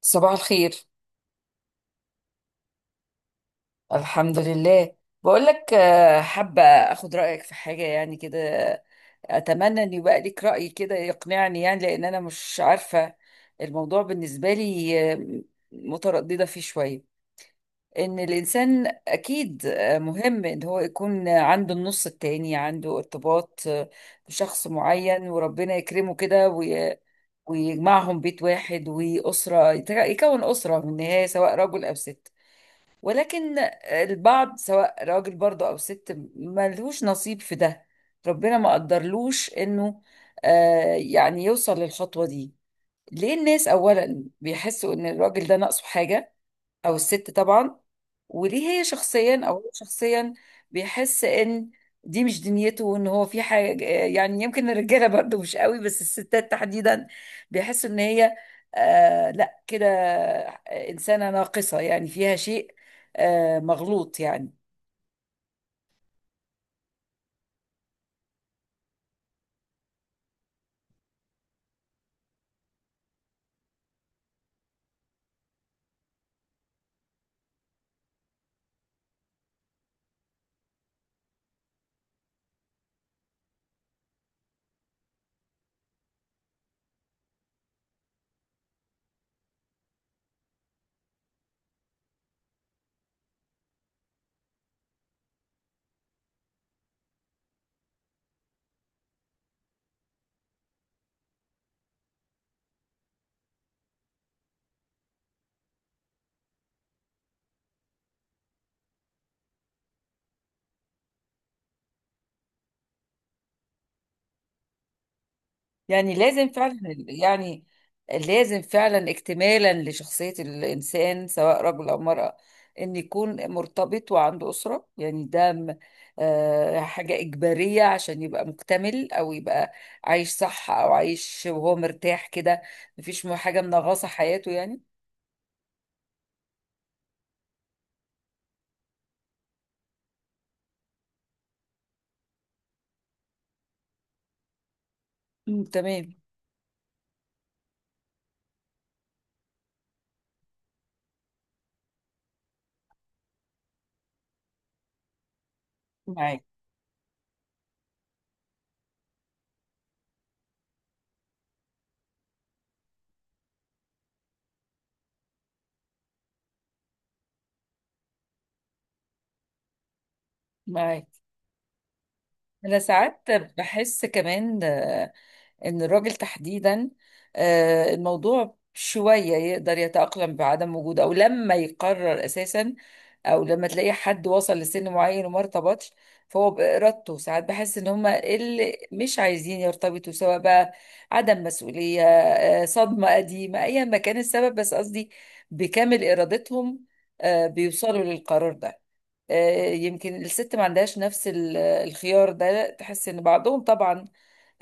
صباح الخير. الحمد لله. بقول لك حابة اخد رأيك في حاجة يعني كده. اتمنى ان يبقى ليك رأي كده يقنعني، يعني لان انا مش عارفة. الموضوع بالنسبة لي مترددة فيه شوية. ان الانسان اكيد مهم ان هو يكون عنده النص التاني، عنده ارتباط بشخص معين، وربنا يكرمه كده ويجمعهم بيت واحد وأسرة، يكون أسرة من النهاية، سواء رجل أو ست. ولكن البعض، سواء راجل برضه او ست، ملهوش نصيب في ده. ربنا ما قدرلوش انه آه يعني يوصل للخطوة دي. ليه الناس اولا بيحسوا ان الراجل ده ناقصه حاجة، او الست طبعا؟ وليه هي شخصيا، او هو شخصيا، بيحس ان دي مش دنيته، وان هو في حاجه؟ يعني يمكن الرجاله برضه مش قوي، بس الستات تحديدا بيحسوا ان هي آه لا كده، انسانه ناقصه، يعني فيها شيء آه مغلوط يعني. يعني لازم فعلا يعني لازم فعلا اكتمالا لشخصية الإنسان، سواء رجل أو امرأة، إن يكون مرتبط وعنده أسرة. يعني ده حاجة إجبارية عشان يبقى مكتمل، أو يبقى عايش صح، أو عايش وهو مرتاح كده، مفيش حاجة منغصة حياته يعني. أمم، تمام. معاك. معاك. أنا ساعات بحس كمان ان الراجل تحديدا الموضوع شوية يقدر يتأقلم بعدم وجوده، او لما يقرر اساسا، او لما تلاقي حد وصل لسن معين وما ارتبطش. فهو بإرادته، ساعات بحس ان هما اللي مش عايزين يرتبطوا، سواء بقى عدم مسؤولية، صدمة قديمة، ايا ما كان السبب، بس قصدي بكامل إرادتهم بيوصلوا للقرار ده. يمكن الست ما عندهاش نفس الخيار ده، تحس ان بعضهم طبعا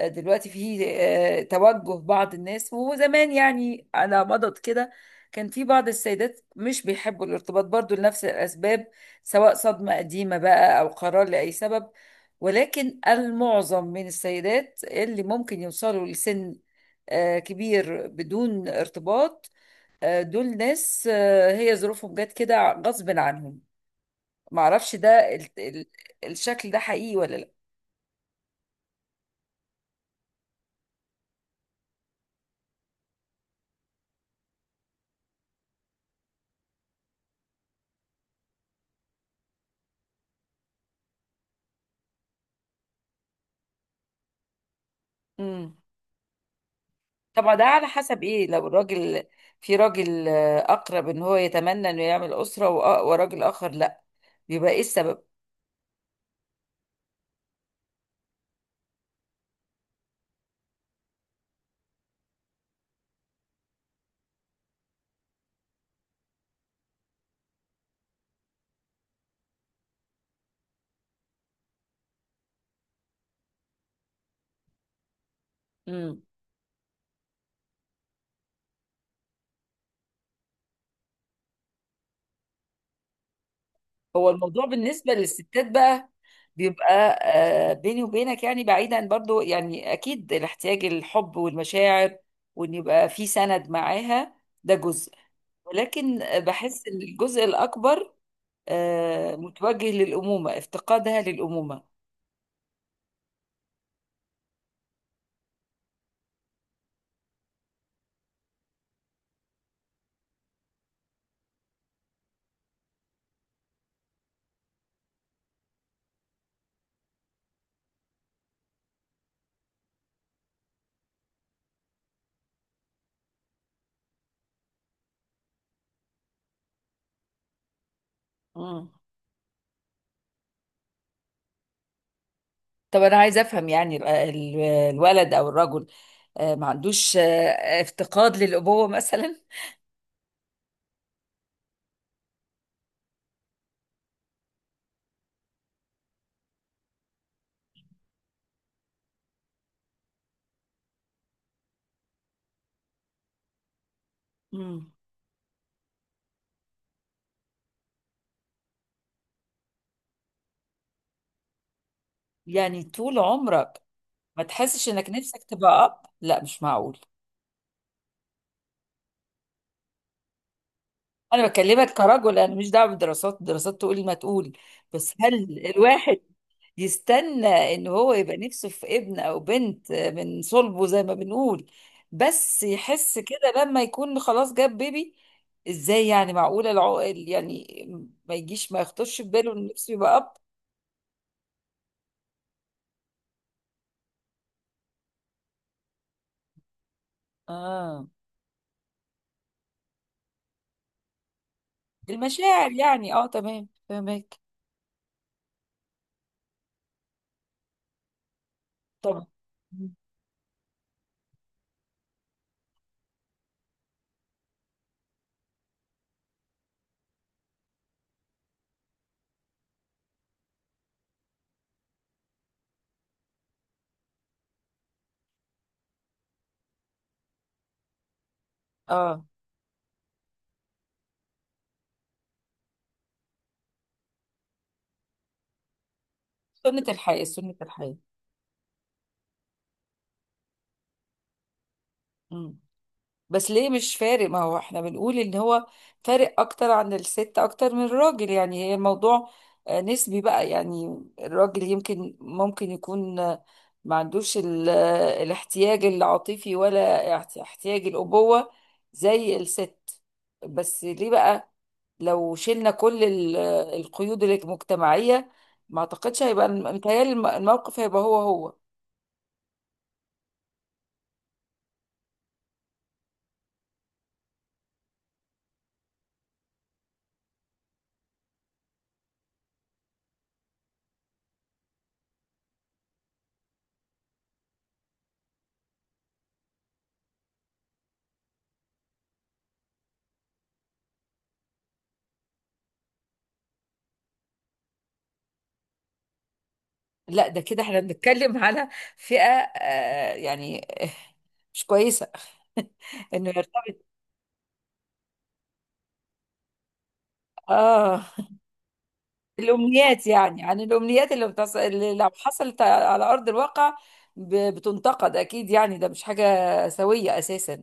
دلوقتي في توجه بعض الناس. وزمان يعني على مضض كده كان في بعض السيدات مش بيحبوا الارتباط برضو لنفس الأسباب، سواء صدمة قديمة بقى أو قرار لأي سبب. ولكن المعظم من السيدات اللي ممكن يوصلوا لسن كبير بدون ارتباط، دول ناس هي ظروفهم جت كده غصب عنهم. معرفش ده ال- ال- الشكل ده حقيقي ولا لا؟ مم. طبعا ده على حسب ايه. لو الراجل، في راجل اقرب ان هو يتمنى انه يعمل اسره، وراجل اخر لا، بيبقى ايه السبب؟ امم. هو الموضوع بالنسبه للستات بقى بيبقى بيني وبينك يعني، بعيدا برضو، يعني اكيد الاحتياج، الحب والمشاعر، وان يبقى في سند معاها، ده جزء. ولكن بحس ان الجزء الاكبر متوجه للامومه، افتقادها للامومه. مم. طب انا عايزه افهم، يعني الولد او الرجل ما عندوش افتقاد للابوه مثلا؟ مم. يعني طول عمرك ما تحسش انك نفسك تبقى اب؟ لا مش معقول. انا بكلمك كرجل، انا مش دعوه بالدراسات، الدراسات تقول ما تقول، بس هل الواحد يستنى ان هو يبقى نفسه في ابن او بنت من صلبه زي ما بنقول، بس يحس كده لما يكون خلاص جاب بيبي؟ ازاي يعني؟ معقولة العقل يعني ما يجيش، ما يخطرش في باله ان نفسه يبقى اب؟ اه. المشاعر يعني، اه، تمام، فهمك. طب. اه سنة الحياة، سنة الحياة. بس ليه مش فارق؟ ما هو احنا بنقول ان هو فارق اكتر عن الست، اكتر من الراجل، يعني هي الموضوع نسبي بقى، يعني الراجل يمكن ممكن يكون ما عندوش الاحتياج العاطفي، ولا احتياج الأبوة زي الست. بس ليه بقى؟ لو شلنا كل القيود المجتمعية، ما اعتقدش هيبقى، متهيألي الموقف هيبقى هو هو. لا ده كده احنا بنتكلم على فئة آه يعني مش كويسة انه يرتبط. اه. الامنيات، يعني عن الامنيات اللي, بتص... اللي لو حصلت على ارض الواقع ب... بتنتقد اكيد، يعني ده مش حاجة سوية اساسا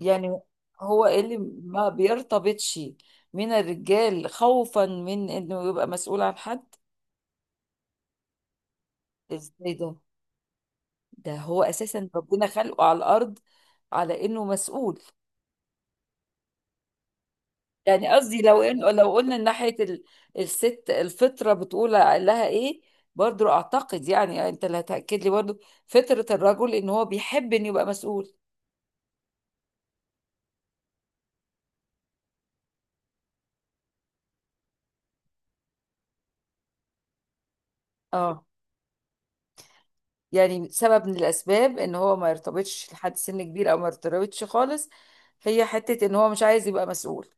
يعني. هو إيه اللي ما بيرتبطش من الرجال خوفا من انه يبقى مسؤول عن حد؟ ازاي ده؟ ده هو اساسا ربنا خلقه على الارض على انه مسؤول. يعني قصدي لو إن لو قلنا من ناحية الست، الفطرة بتقول لها ايه؟ برضو اعتقد يعني، يعني انت اللي هتأكد لي، برضو فطرة الرجل ان هو بيحب ان يبقى مسؤول. اه. يعني سبب من الاسباب ان هو ما يرتبطش لحد سن كبير، او ما يرتبطش خالص، هي حتة ان هو مش عايز يبقى مسؤول.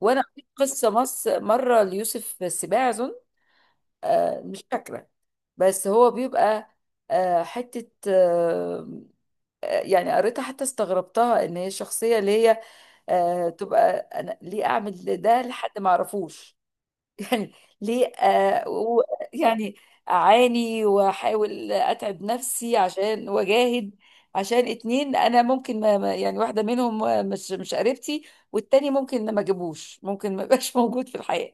وانا قريت قصة مص مرة ليوسف السباع اظن، آه مش فاكرة، بس هو بيبقى آه حتة آه يعني، قريتها حتى استغربتها. ان هي الشخصية اللي هي تبقى، انا ليه اعمل ده لحد ما اعرفوش يعني؟ ليه يعني اعاني واحاول اتعب نفسي عشان، واجاهد عشان اتنين، انا ممكن يعني واحده منهم مش، مش قريبتي، والتاني ممكن ما اجيبوش، ممكن ما يبقاش موجود في الحياه.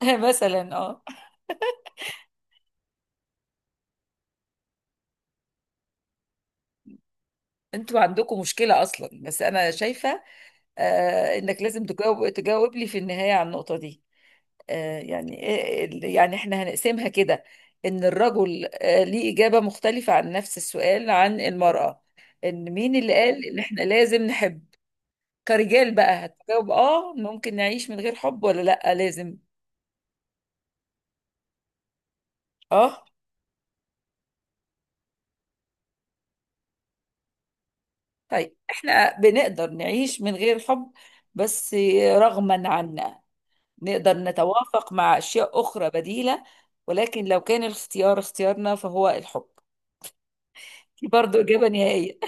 مثلا اه. انتوا عندكم مشكله اصلا، بس انا شايفه انك لازم تجاوب، تجاوب لي في النهايه على النقطه دي. يعني يعني احنا هنقسمها كده، ان الرجل ليه إجابة مختلفة عن نفس السؤال عن المرأة. ان مين اللي قال ان احنا لازم نحب؟ كرجال بقى، هتجاوب اه ممكن نعيش من غير حب، ولا لا لازم؟ اه. طيب احنا بنقدر نعيش من غير حب، بس رغما عنا، نقدر نتوافق مع اشياء اخرى بديلة، ولكن لو كان الاختيار اختيارنا فهو الحب. دي برضو إجابة نهائية.